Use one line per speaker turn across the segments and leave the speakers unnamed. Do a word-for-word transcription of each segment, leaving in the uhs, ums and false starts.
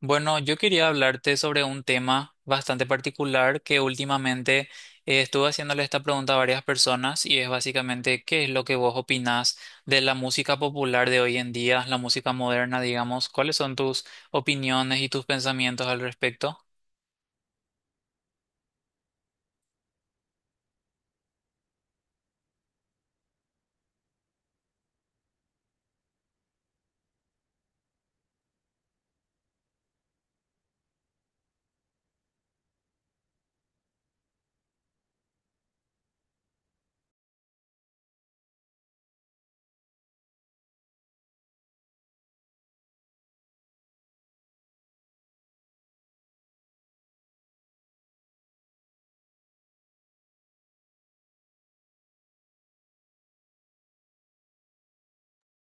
Bueno, yo quería hablarte sobre un tema bastante particular que últimamente eh, estuve haciéndole esta pregunta a varias personas y es básicamente qué es lo que vos opinás de la música popular de hoy en día, la música moderna, digamos, cuáles son tus opiniones y tus pensamientos al respecto.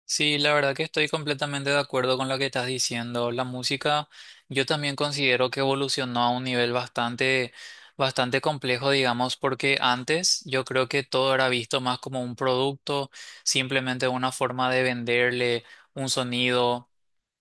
Sí, la verdad que estoy completamente de acuerdo con lo que estás diciendo. La música, yo también considero que evolucionó a un nivel bastante, bastante complejo, digamos, porque antes yo creo que todo era visto más como un producto, simplemente una forma de venderle un sonido.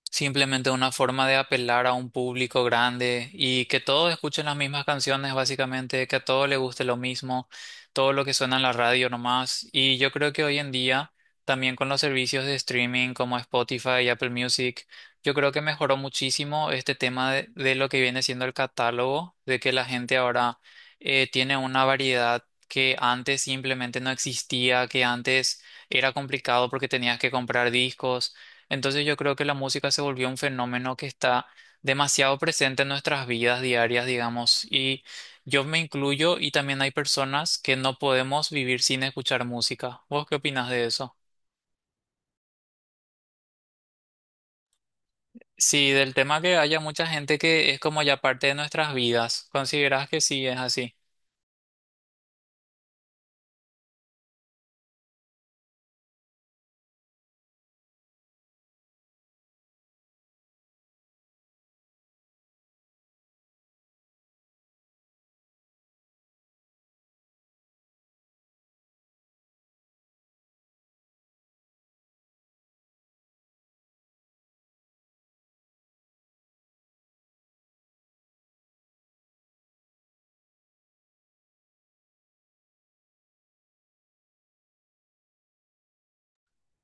Simplemente una forma de apelar a un público grande y que todos escuchen las mismas canciones, básicamente, que a todos les guste lo mismo, todo lo que suena en la radio nomás. Y yo creo que hoy en día, también con los servicios de streaming como Spotify y Apple Music, yo creo que mejoró muchísimo este tema de, de lo que viene siendo el catálogo, de que la gente ahora eh, tiene una variedad que antes simplemente no existía, que antes era complicado porque tenías que comprar discos, entonces yo creo que la música se volvió un fenómeno que está demasiado presente en nuestras vidas diarias, digamos, y yo me incluyo y también hay personas que no podemos vivir sin escuchar música. ¿Vos qué opinas de eso? Sí, del tema que haya mucha gente que es como ya parte de nuestras vidas. ¿Considerás que sí es así?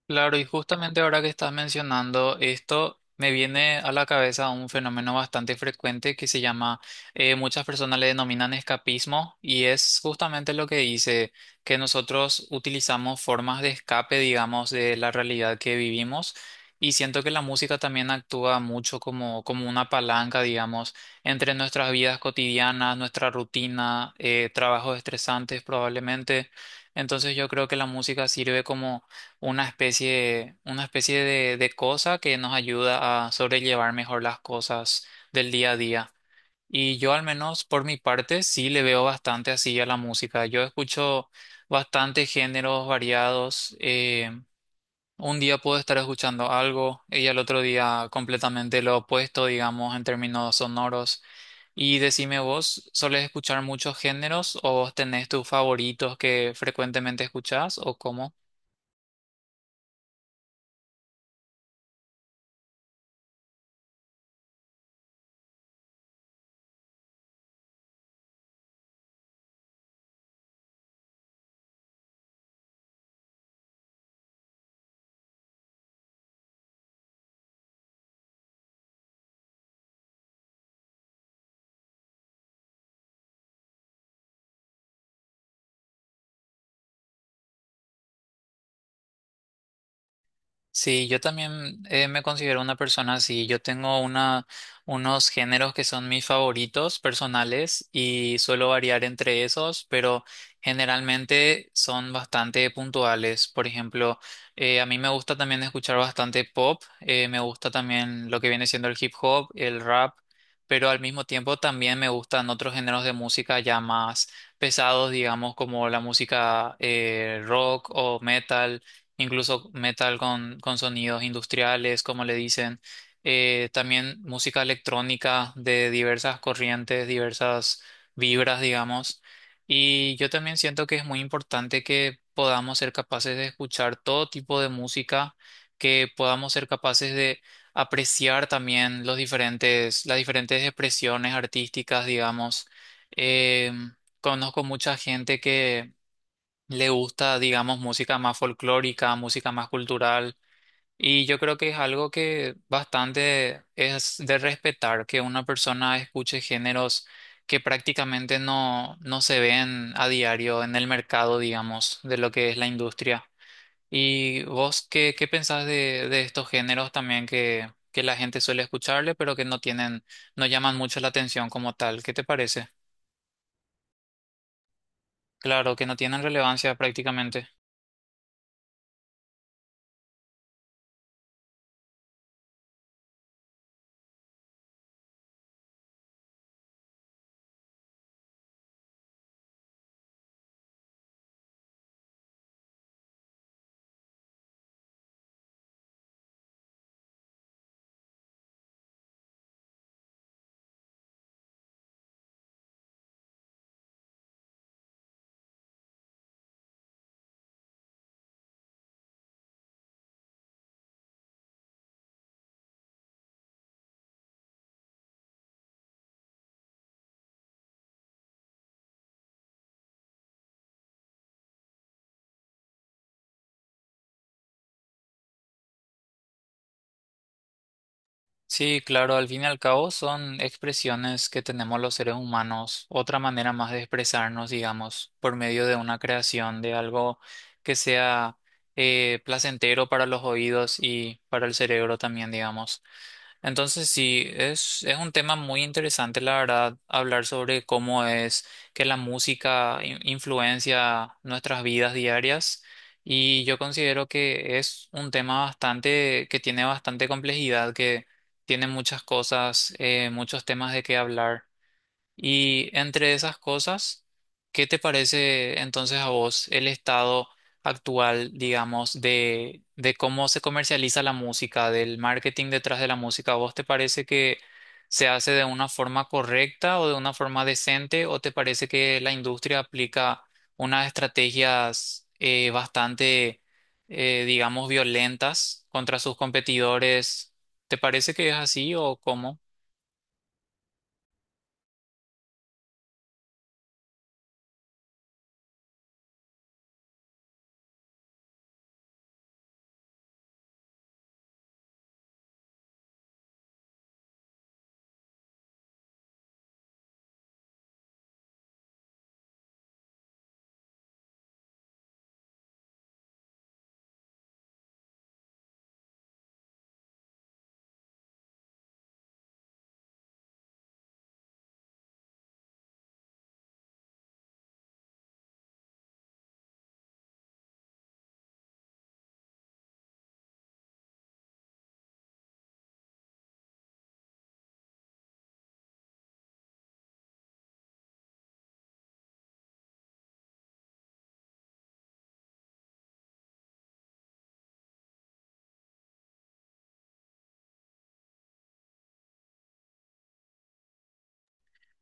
Claro, y justamente ahora que estás mencionando esto, me viene a la cabeza un fenómeno bastante frecuente que se llama, eh, muchas personas le denominan escapismo, y es justamente lo que dice, que nosotros utilizamos formas de escape, digamos, de la realidad que vivimos, y siento que la música también actúa mucho como, como una palanca, digamos, entre nuestras vidas cotidianas, nuestra rutina, eh, trabajos estresantes probablemente. Entonces yo creo que la música sirve como una especie, una especie de, de cosa que nos ayuda a sobrellevar mejor las cosas del día a día. Y yo al menos por mi parte sí le veo bastante así a la música. Yo escucho bastante géneros variados. Eh, un día puedo estar escuchando algo y al otro día completamente lo opuesto, digamos, en términos sonoros. Y decime vos, ¿soles escuchar muchos géneros o vos tenés tus favoritos que frecuentemente escuchás o cómo? Sí, yo también eh, me considero una persona así. Yo tengo una, unos géneros que son mis favoritos personales y suelo variar entre esos, pero generalmente son bastante puntuales. Por ejemplo, eh, a mí me gusta también escuchar bastante pop, eh, me gusta también lo que viene siendo el hip hop, el rap, pero al mismo tiempo también me gustan otros géneros de música ya más pesados, digamos, como la música eh, rock o metal, incluso metal con, con sonidos industriales, como le dicen, eh, también música electrónica de diversas corrientes, diversas vibras, digamos. Y yo también siento que es muy importante que podamos ser capaces de escuchar todo tipo de música, que podamos ser capaces de apreciar también los diferentes, las diferentes expresiones artísticas, digamos. Em, Conozco mucha gente que le gusta, digamos, música más folclórica, música más cultural, y yo creo que es algo que bastante es de respetar, que una persona escuche géneros que prácticamente no, no se ven a diario en el mercado, digamos, de lo que es la industria. ¿Y vos qué, qué pensás de, de estos géneros también que, que la gente suele escucharle, pero que no tienen, no llaman mucho la atención como tal? ¿Qué te parece? Claro, que no tienen relevancia prácticamente. Sí, claro, al fin y al cabo son expresiones que tenemos los seres humanos, otra manera más de expresarnos, digamos, por medio de una creación, de algo que sea eh, placentero para los oídos y para el cerebro también, digamos. Entonces sí, es, es un tema muy interesante, la verdad, hablar sobre cómo es que la música in- influencia nuestras vidas diarias. Y yo considero que es un tema bastante, que tiene bastante complejidad, que tiene muchas cosas, eh, muchos temas de qué hablar. Y entre esas cosas, ¿qué te parece entonces a vos el estado actual, digamos, de, de cómo se comercializa la música, del marketing detrás de la música? ¿A vos te parece que se hace de una forma correcta o de una forma decente o te parece que la industria aplica unas estrategias eh, bastante, eh, digamos, violentas contra sus competidores? ¿Te parece que es así o cómo?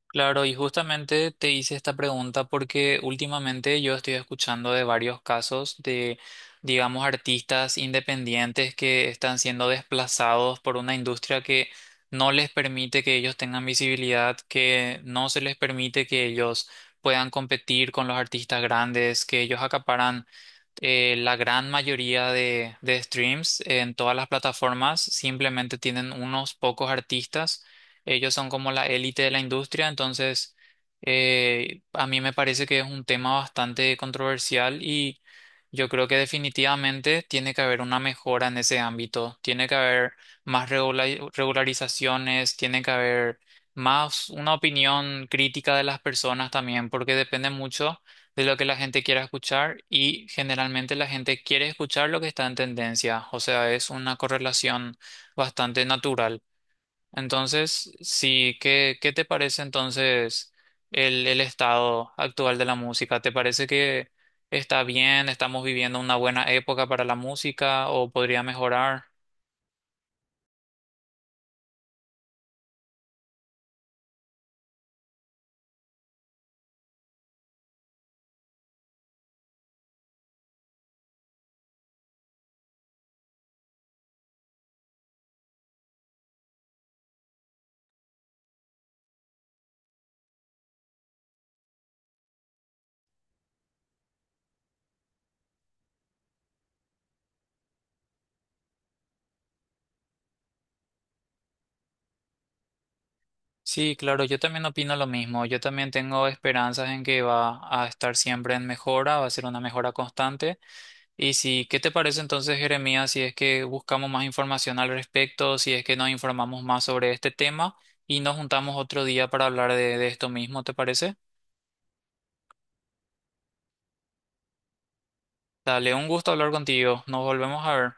Claro, y justamente te hice esta pregunta porque últimamente yo estoy escuchando de varios casos de, digamos, artistas independientes que están siendo desplazados por una industria que no les permite que ellos tengan visibilidad, que no se les permite que ellos puedan competir con los artistas grandes, que ellos acaparan eh, la gran mayoría de, de streams en todas las plataformas, simplemente tienen unos pocos artistas, ellos son como la élite de la industria, entonces eh, a mí me parece que es un tema bastante controversial y yo creo que definitivamente tiene que haber una mejora en ese ámbito, tiene que haber más regula- regularizaciones, tiene que haber más una opinión crítica de las personas también, porque depende mucho de lo que la gente quiera escuchar y generalmente la gente quiere escuchar lo que está en tendencia, o sea, es una correlación bastante natural. Entonces, sí, ¿qué, qué te parece entonces el, el estado actual de la música? ¿Te parece que está bien, estamos viviendo una buena época para la música o podría mejorar? Sí, claro, yo también opino lo mismo. Yo también tengo esperanzas en que va a estar siempre en mejora, va a ser una mejora constante. Y sí, ¿qué te parece entonces, Jeremías, si es que buscamos más información al respecto, si es que nos informamos más sobre este tema y nos juntamos otro día para hablar de de esto mismo, ¿te parece? Dale, un gusto hablar contigo. Nos volvemos a ver.